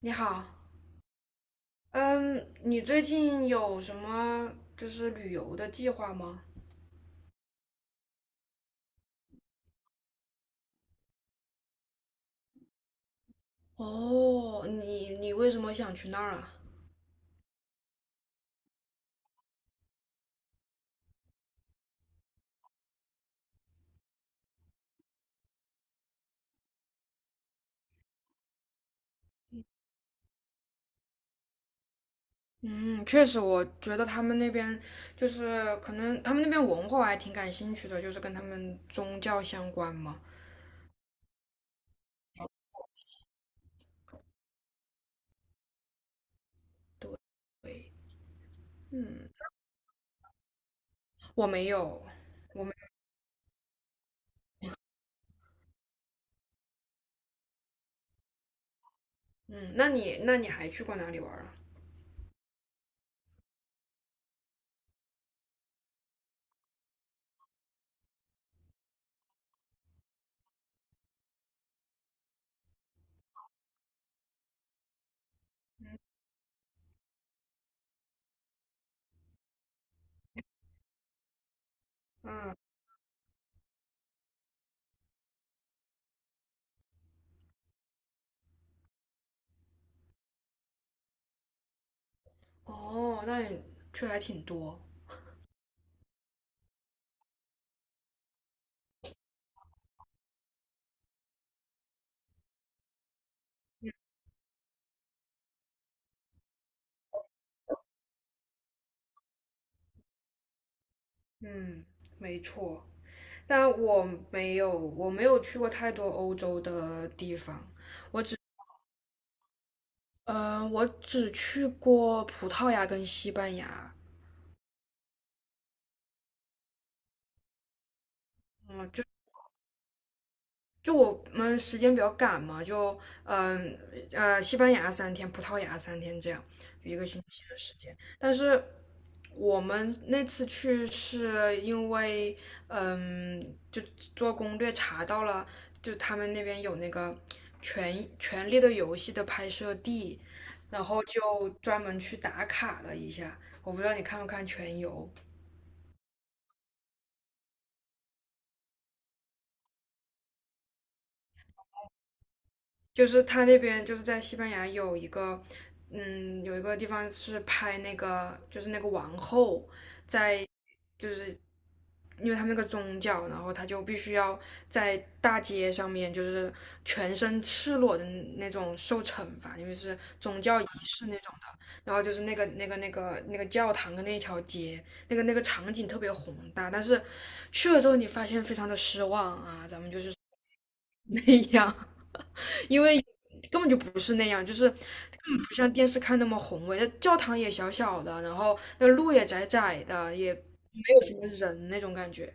你好。嗯，你最近有什么就是旅游的计划吗？哦，你为什么想去那儿啊？嗯，确实，我觉得他们那边就是可能他们那边文化我还挺感兴趣的，就是跟他们宗教相关嘛。对。嗯，我没有。我没。嗯，那你还去过哪里玩儿啊？嗯，哦，那你去还挺多。嗯，没错。但我没有去过太多欧洲的地方。我只，我只去过葡萄牙跟西班牙。嗯，就就我们时间比较赶嘛，嗯西班牙三天，葡萄牙三天这样，一个星期的时间。但是我们那次去是因为嗯，就做攻略查到了，就他们那边有那个《权力的游戏》的拍摄地，然后就专门去打卡了一下。我不知道你看不看《全游》。就是他那边就是在西班牙有一个，有一个地方是拍那个，就是那个王后在，就是因为他们那个宗教，然后他就必须要在大街上面就是全身赤裸的那种受惩罚，因为是宗教仪式那种的。然后就是那个教堂的那条街，那个场景特别宏大，但是去了之后你发现非常的失望啊，咱们就是那样。因为根本就不是那样，就是根本不像电视看那么宏伟。那教堂也小小的，然后那路也窄窄的，也没有什么人那种感觉。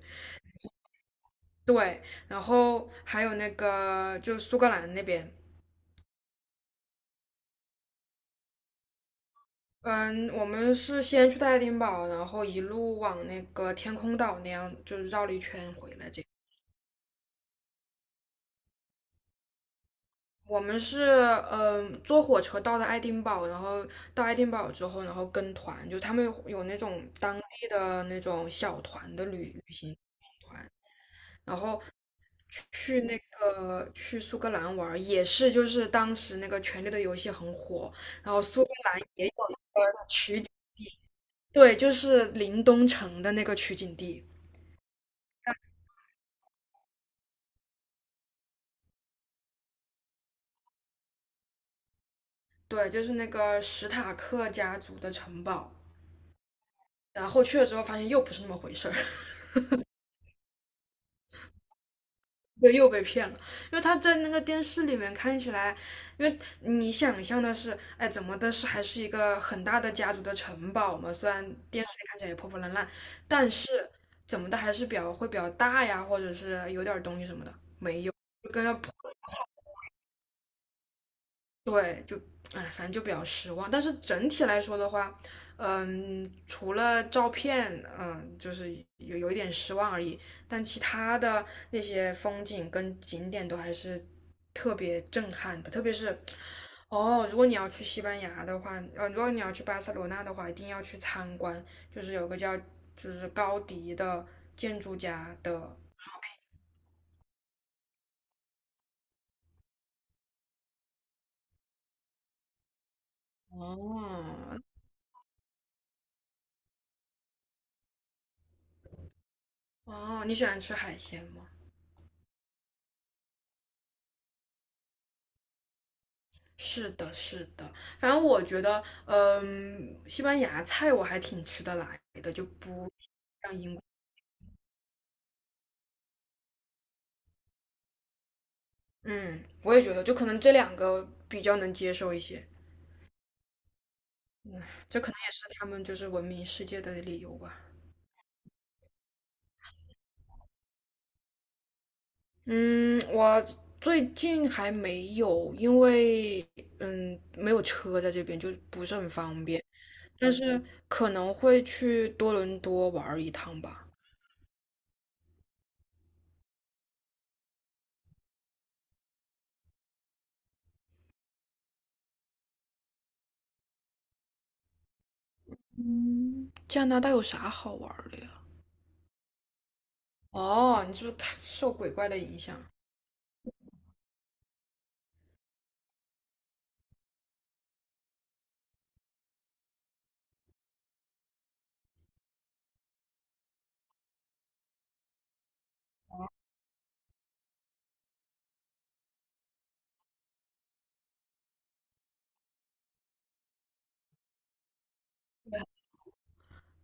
对，然后还有那个就苏格兰那边。嗯，我们是先去爱丁堡，然后一路往那个天空岛那样，就是绕了一圈回来这样。我们是坐火车到的爱丁堡，然后到爱丁堡之后，然后跟团，就他们有那种当地的那种小团的旅行团，然后去那个去苏格兰玩儿也是就是当时那个《权力的游戏》很火，然后苏格兰也有。对，就是林东城的那个取景地。对，就是那个史塔克家族的城堡，然后去了之后发现又不是那么回事儿。对，又被骗了，因为他在那个电视里面看起来，因为你想象的是，哎，怎么的是还是一个很大的家族的城堡嘛，虽然电视里看起来也破破烂烂，但是怎么的还是比较会比较大呀，或者是有点儿东西什么的，没有，就跟那破。对，就哎，反正就比较失望。但是整体来说的话，除了照片，就是有一点失望而已。但其他的那些风景跟景点都还是特别震撼的，特别是哦，如果你要去西班牙的话，如果你要去巴塞罗那的话，一定要去参观，就是有个叫就是高迪的建筑家的。哦哦，你喜欢吃海鲜吗？是的，是的，反正我觉得，西班牙菜我还挺吃得来的，就不。嗯，我也觉得，就可能这两个比较能接受一些。嗯，这可能也是他们就是闻名世界的理由吧。嗯，我最近还没有，因为没有车在这边，就不是很方便，但是可能会去多伦多玩儿一趟吧。嗯，加拿大有啥好玩儿的呀？哦，你是不是看受鬼怪的影响？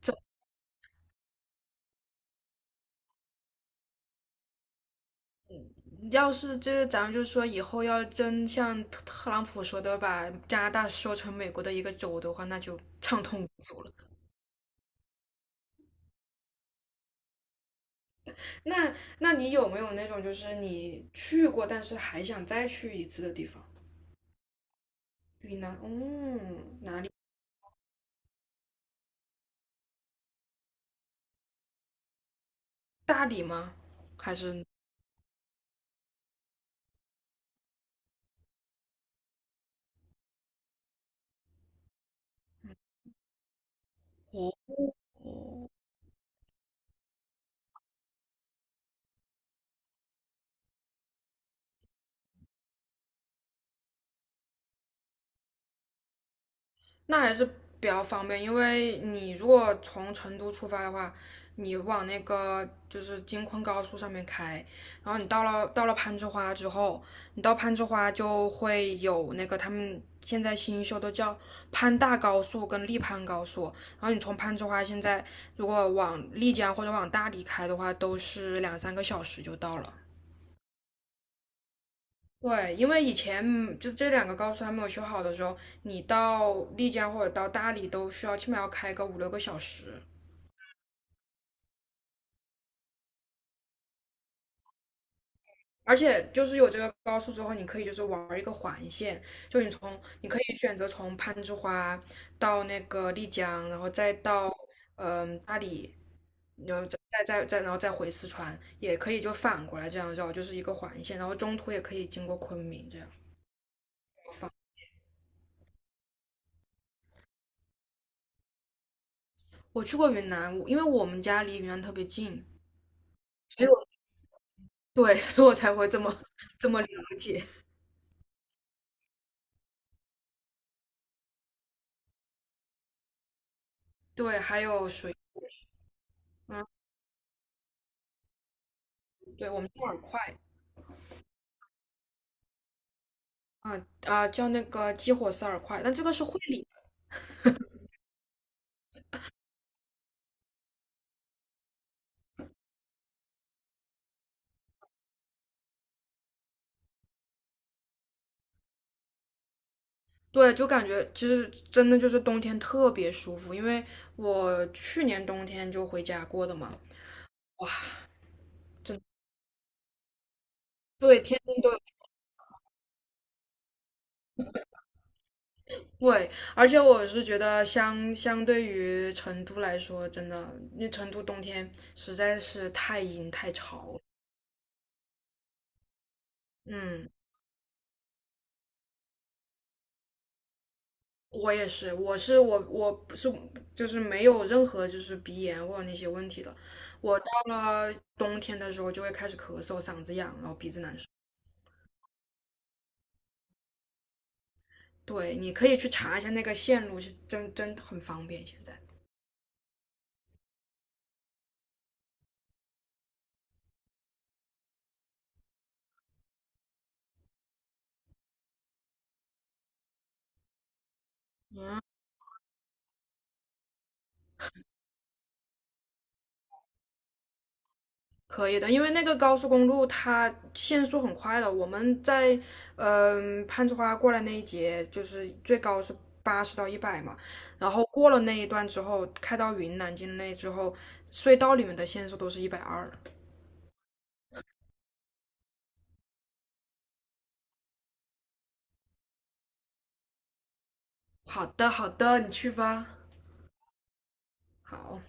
这要是这个咱们就说以后要真像特朗普说的，把加拿大收成美国的一个州的话，那就畅通无阻了。那你有没有那种就是你去过，但是还想再去一次的地方？云南，哪里？大理吗？还是？哦，那还是比较方便，因为你如果从成都出发的话，你往那个就是京昆高速上面开，然后你到了攀枝花之后，你到攀枝花就会有那个他们现在新修的叫攀大高速跟丽攀高速，然后你从攀枝花现在如果往丽江或者往大理开的话，都是两三个小时就到了。对，因为以前就这两个高速还没有修好的时候，你到丽江或者到大理都需要起码要开个五六个小时，而且就是有这个高速之后，你可以就是玩一个环线，就你可以选择从攀枝花到那个丽江，然后再到大理，然后再然后再回四川，也可以就反过来这样绕，就是一个环线，然后中途也可以经过昆明这样。我去过云南，因为我们家离云南特别近，所以我。对，所以我才会这么了解。对，还有水，嗯，对，我们叫饵块。叫那个激活式饵块，但这个是会理的。对，就感觉其实真的就是冬天特别舒服，因为我去年冬天就回家过的嘛，哇，真对，天天都有。对，而且我是觉得相对于成都来说，真的，因为成都冬天实在是太阴太潮了。嗯。我也是，我是我我不是就是没有任何就是鼻炎或者那些问题的。我到了冬天的时候就会开始咳嗽，嗓子痒，然后鼻子难受。对，你可以去查一下那个线路，是真的很方便。现在可以的，因为那个高速公路它限速很快的。我们在攀枝花过来那一节，就是最高是80到100嘛。然后过了那一段之后，开到云南境内之后，隧道里面的限速都是120。好的，好的，你去吧。好，